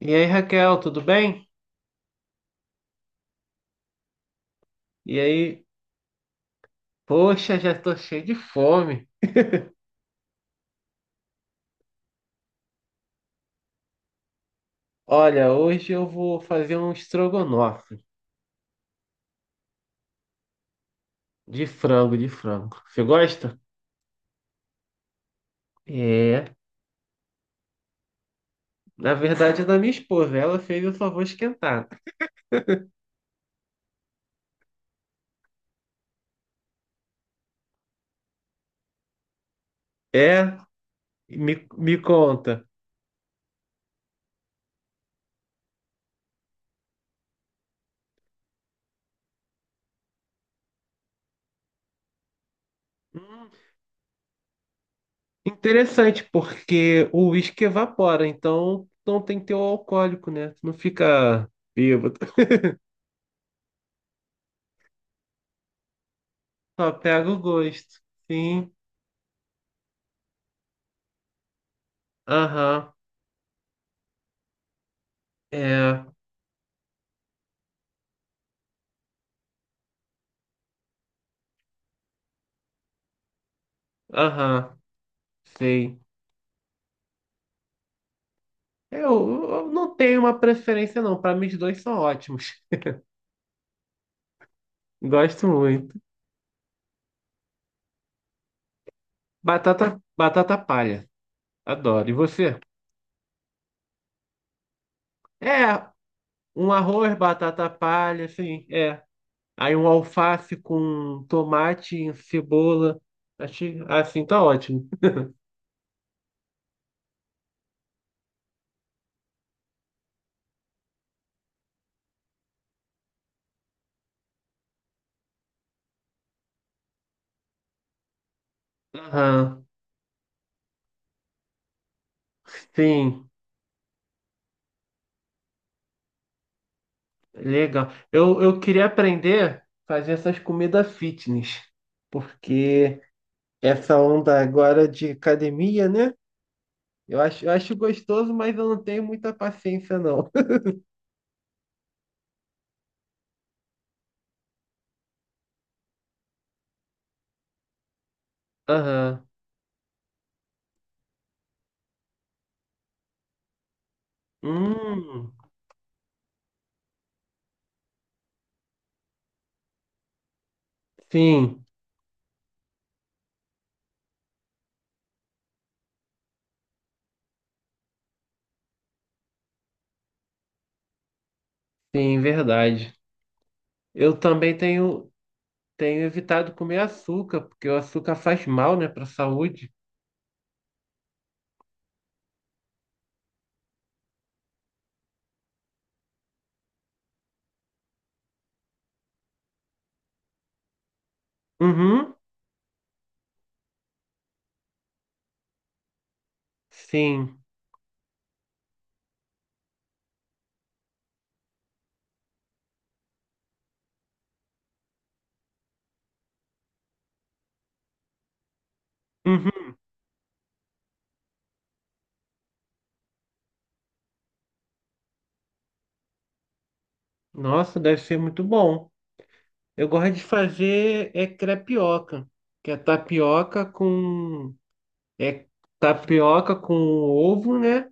E aí, Raquel, tudo bem? E aí, poxa, já tô cheio de fome. Olha, hoje eu vou fazer um estrogonofe de frango, de frango. Você gosta? É, na verdade é da minha esposa. Ela fez, eu só vou esquentar. É, me conta. Hum, interessante, porque o uísque evapora, então não tem que ter o alcoólico, né? Tu não fica bêbado. Só pega o gosto. Sim, aham, é, aham, sei. Eu não tenho uma preferência, não. Para mim, os dois são ótimos. Gosto muito. Batata, batata palha. Adoro. E você? É, um arroz, batata palha, assim, é. Aí um alface com tomate, cebola. Achei, assim, tá ótimo. Aham. Sim, legal. Eu queria aprender a fazer essas comidas fitness, porque essa onda agora de academia, né? Eu acho gostoso, mas eu não tenho muita paciência, não. Aham. Hum, sim, sim, verdade. Eu também tenho, tenho evitado comer açúcar, porque o açúcar faz mal, né, para a saúde. Uhum, sim. Uhum. Nossa, deve ser muito bom. Eu gosto de fazer é crepioca, que é tapioca com ovo, né?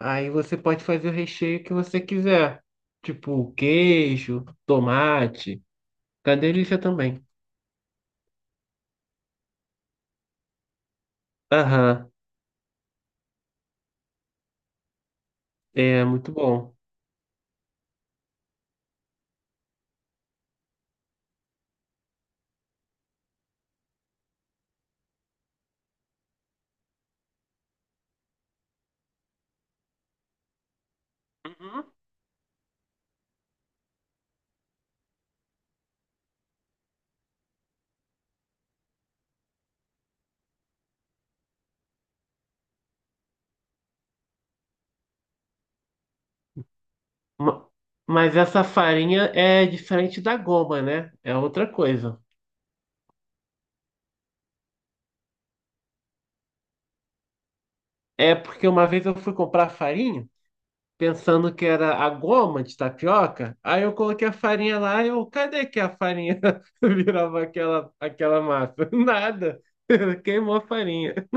Aí você pode fazer o recheio que você quiser. Tipo queijo, tomate. Tá delícia também. Aham, é muito bom. Uhum. Ma- Mas essa farinha é diferente da goma, né? É outra coisa. É porque uma vez eu fui comprar farinha, pensando que era a goma de tapioca. Aí eu coloquei a farinha lá e eu, cadê que a farinha virava aquela massa? Nada. Queimou a farinha.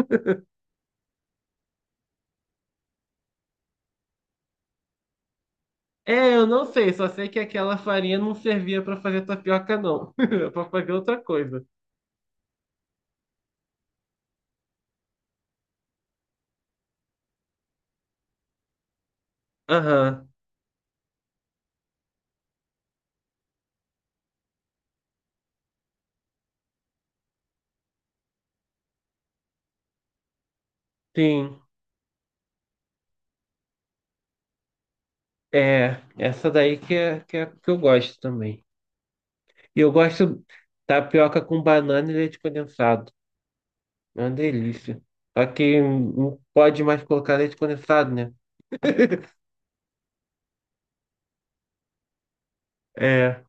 É, eu não sei, só sei que aquela farinha não servia pra fazer tapioca, não. Era pra fazer outra coisa. Aham, sim. É, essa daí que é, que é que eu gosto também. E eu gosto tapioca com banana e leite condensado. É uma delícia. Só que não pode mais colocar leite condensado, né? É.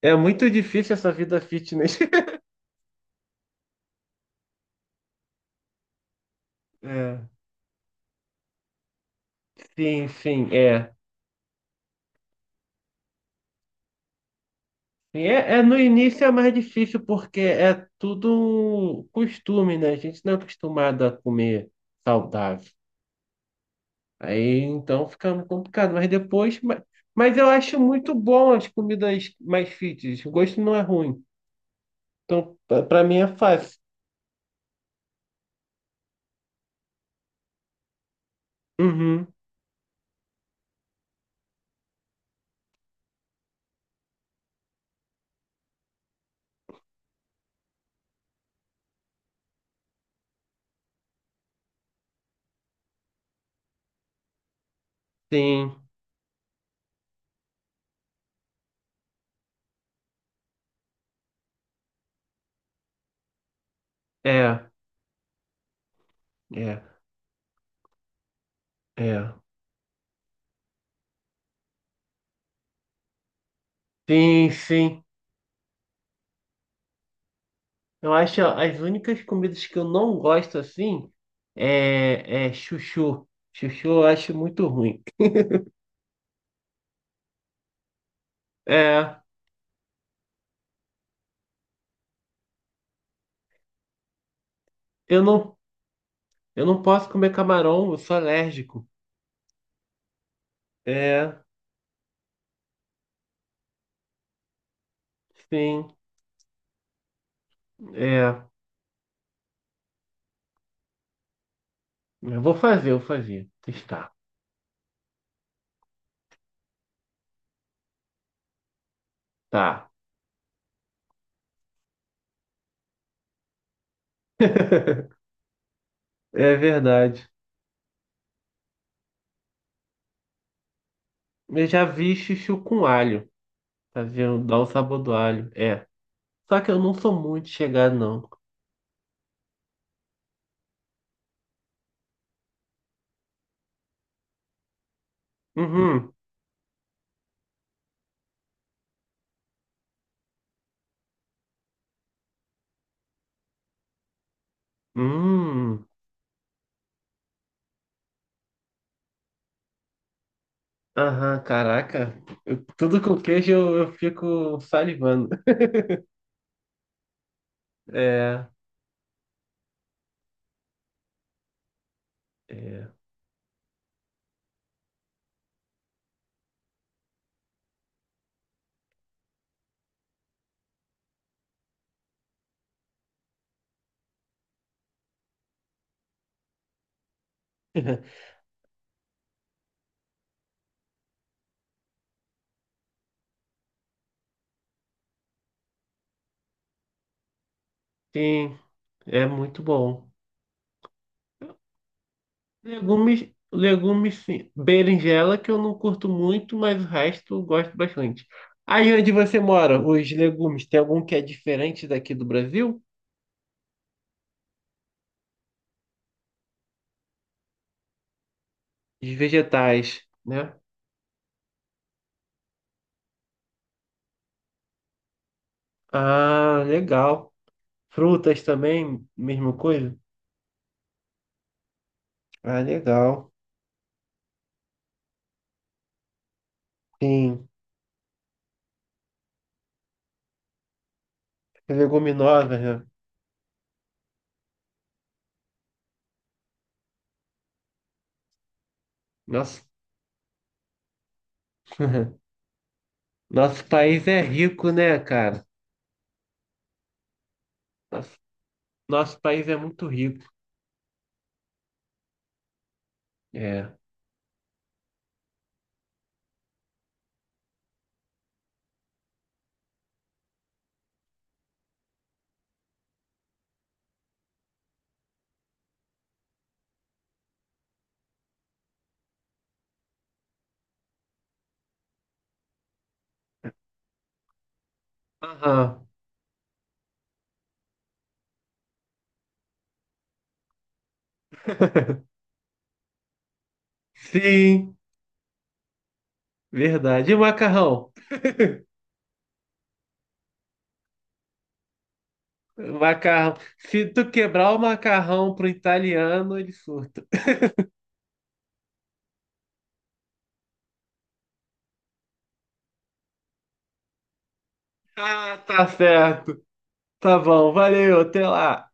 É muito difícil essa vida fitness. É. Sim, sim, é. Sim, é, é, no início é mais difícil porque é tudo um costume, né? A gente não é acostumado a comer saudável. Aí então fica complicado, mas depois. Mas eu acho muito bom as comidas mais fitness. O gosto não é ruim. Então, pra mim é fácil. Uhum, sim, é, é, é. Sim, sim. Eu acho ó, as únicas comidas que eu não gosto assim é, é chuchu. Chuchu eu acho muito ruim. É. Eu não, eu não posso comer camarão, eu sou alérgico. É, sim, é. Eu vou fazer, eu vou fazer. Testar. Tá. É verdade. Eu já vi chuchu com alho. Fazer, dar o sabor do alho. É. Só que eu não sou muito chegado, não. Uhum. Hum. Aham, caraca. Tudo com queijo eu fico salivando. É, é. Sim, é muito bom. Legumes, legumes, sim. Berinjela, que eu não curto muito, mas o resto eu gosto bastante. Aí onde você mora, os legumes, tem algum que é diferente daqui do Brasil? Os vegetais, né? Ah, legal. Frutas também, mesma coisa? Ah, legal. Sim. Leguminosas, né? Nossa, nosso país é rico, né, cara? Nosso, nosso país é muito rico. É. Aham. Sim, verdade. E o macarrão? Macarrão. Se tu quebrar o macarrão pro italiano, ele surta. Ah, tá certo. Tá bom, valeu, até lá.